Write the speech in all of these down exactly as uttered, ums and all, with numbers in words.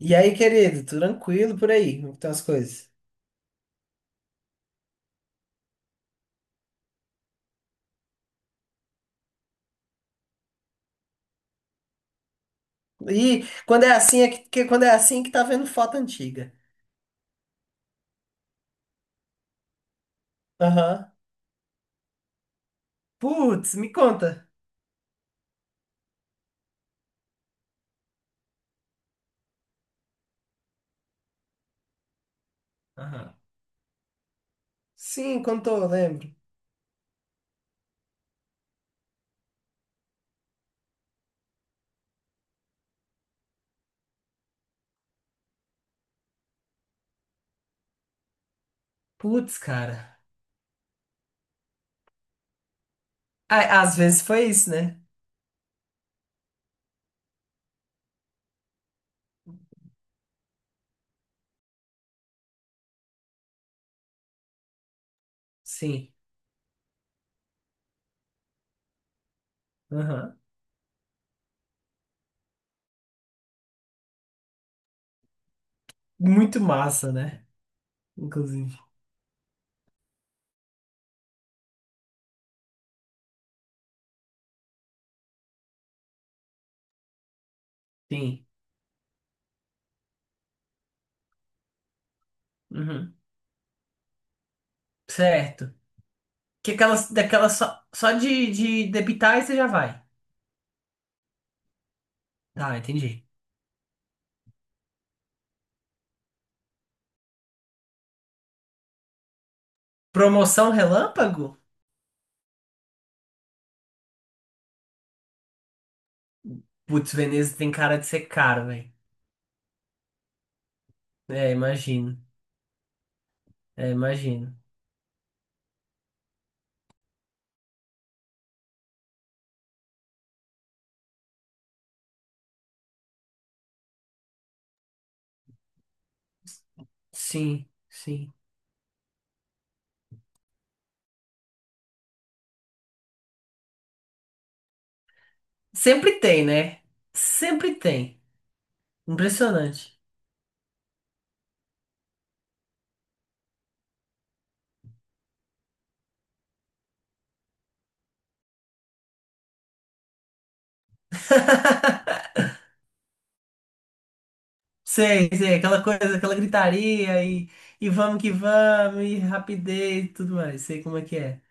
E aí, querido, tranquilo por aí, como estão as coisas? E quando é assim, é que, que- quando é assim que tá vendo foto antiga. Aham. Putz, me conta. Aham. Sim, contou, eu lembro. Putz, cara. Ah, às vezes foi isso, né? Sim. Aham. Muito massa, né? Inclusive. Sim. Uhum. Certo. Que aquelas, daquelas só, só de, de debitar e você já vai. Tá, entendi. Promoção relâmpago? Putz, Veneza tem cara de ser caro, velho. É, imagino. É, imagino. Sim, sim. Sempre tem, né? Sempre tem. Impressionante. Sei, sei, aquela coisa, aquela gritaria e, e vamos que vamos, e rapidez e tudo mais. Sei como é que é.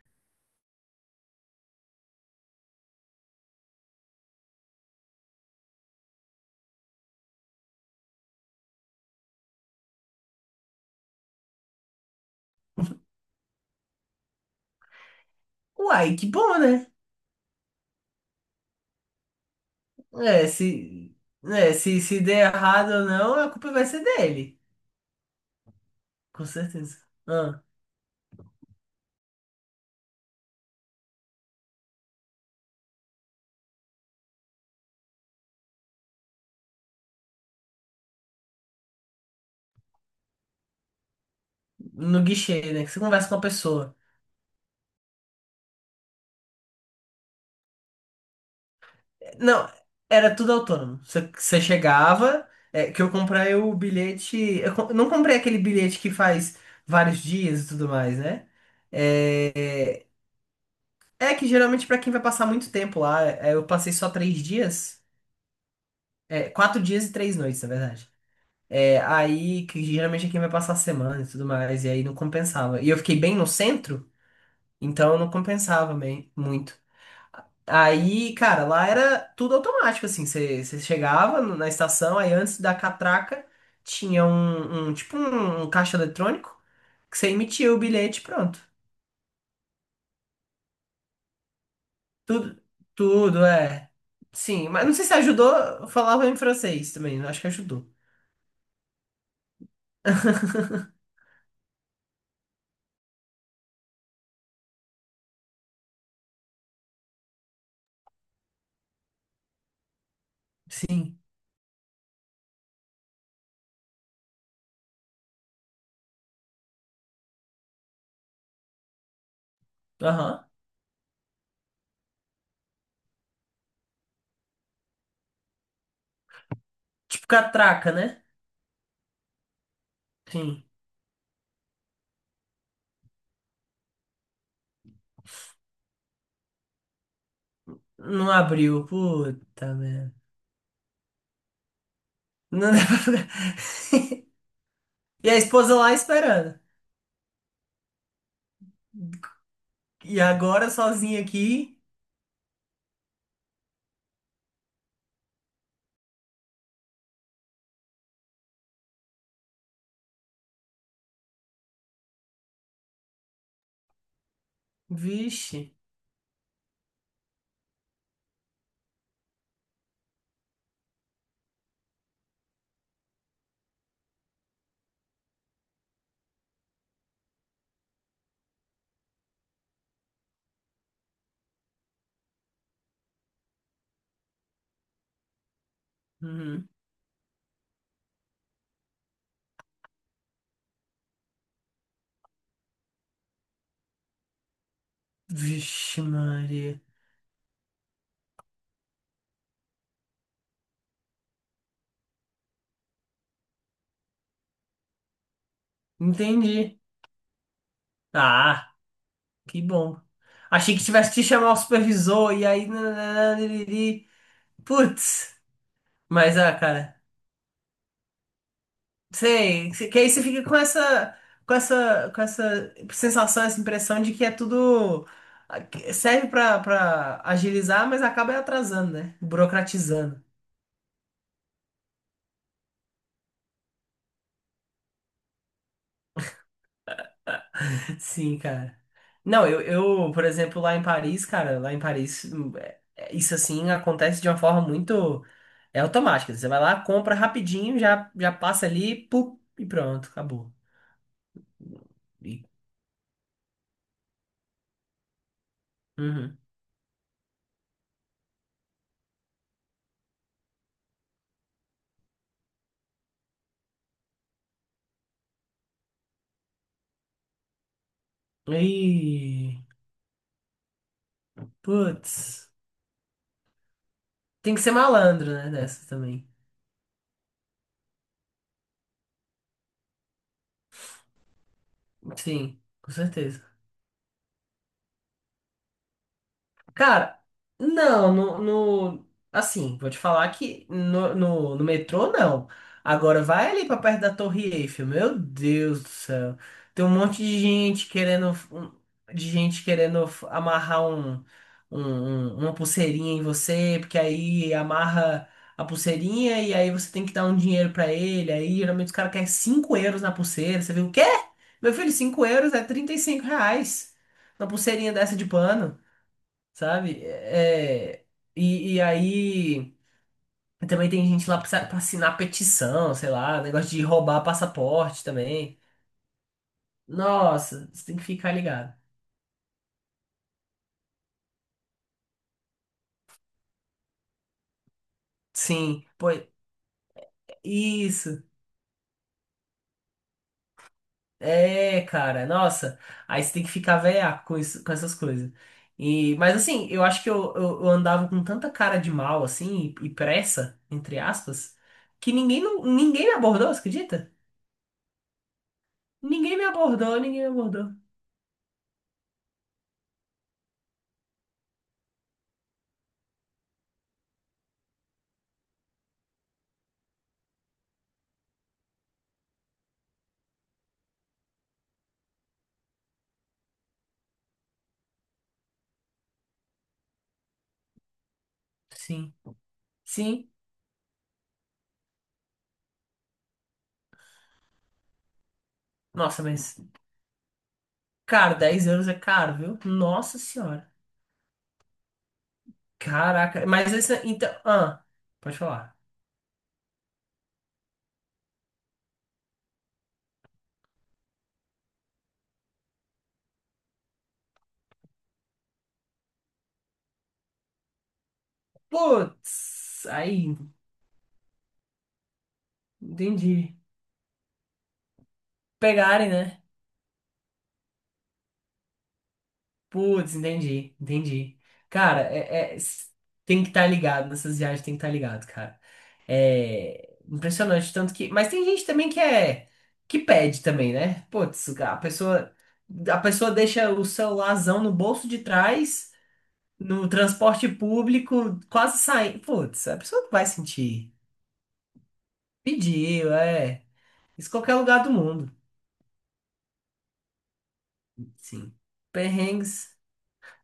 Uai, que bom, né? É, se, né, se, se der errado ou não, a culpa vai ser dele. Com certeza. Ah, no guichê, né? Que você conversa com a pessoa. Não, era tudo autônomo. Você você chegava, é, que eu comprei o bilhete. Eu co- não comprei aquele bilhete que faz vários dias e tudo mais, né? É, é que geralmente pra quem vai passar muito tempo lá, é, eu passei só três dias, é, quatro dias e três noites, na verdade. É, aí que geralmente é quem vai passar a semana e tudo mais, e aí não compensava. E eu fiquei bem no centro, então não compensava bem, muito. Aí, cara, lá era tudo automático, assim. Você você chegava no- na estação, aí antes da catraca tinha um, um- tipo um, um caixa eletrônico que você emitia o bilhete, e pronto. Tudo, tudo, é. Sim, mas não sei se ajudou, eu falava em francês também, acho que ajudou. Sim, aham. Tipo catraca, né? Sim. Não abriu, puta merda. Não dá pra- E a esposa lá esperando. E agora sozinha aqui, vixe. Uhum. Vixe, Maria. Entendi. Ah, que bom. Achei que tivesse que chamar o supervisor e aí. Nananã, liriri. Putz. Mas, ah, cara. Sei. Que aí você fica com essa. Com essa. Com essa sensação, essa impressão de que é tudo. Serve pra, pra agilizar, mas acaba atrasando, né? Burocratizando. Sim, cara. Não, eu, eu, por exemplo, lá em Paris, cara, lá em Paris, hum, é- é- isso assim acontece de uma forma muito. É automática. Você vai lá, compra rapidinho, já, já passa ali, pum, e pronto, acabou. E, uhum. E. Putz. Tem que ser malandro, né, dessa também. Sim, com certeza. Cara, não, no, no- assim, vou te falar que no, no, no metrô não. Agora vai ali pra perto da Torre Eiffel, meu Deus do céu. Tem um monte de gente querendo um- de gente querendo f- amarrar um, um- um- uma pulseirinha em você, porque aí amarra a pulseirinha e aí você tem que dar um dinheiro pra ele. Aí geralmente os caras querem cinco euros na pulseira. Você viu o quê? Meu filho, cinco euros é trinta e cinco reais na pulseirinha dessa de pano sabe? É, e, e aí também tem gente lá pra, pra assinar petição, sei lá, negócio de roubar passaporte também. Nossa, você tem que ficar ligado. Sim, pô, isso. É, cara, nossa. Aí você tem que ficar velhaco com isso, com essas coisas. E, mas assim, eu acho que eu, eu, eu andava com tanta cara de mal, assim, e, e pressa, entre aspas, que ninguém, não, ninguém me abordou, você acredita? Ninguém me abordou, ninguém me abordou. Sim, sim. Nossa, mas cara, dez euros é caro, viu? Nossa senhora. Caraca, mas essa, então. Ah, pode falar. Putz, aí, entendi. Pegarem, né? Putz, entendi, entendi. Cara, é, é- s- tem que estar ligado nessas viagens, tem que estar ligado, cara. É impressionante, tanto que. Mas tem gente também que é. Que pede também, né? Putz, a pessoa. A pessoa deixa o celularzão no bolso de trás. No transporte público, quase saindo. Putz, a pessoa não vai sentir. Pediu, é. Isso em qualquer lugar do mundo. Sim. Perrengues.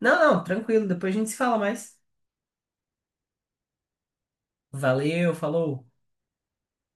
Não, não, tranquilo. Depois a gente se fala mais. Valeu, falou.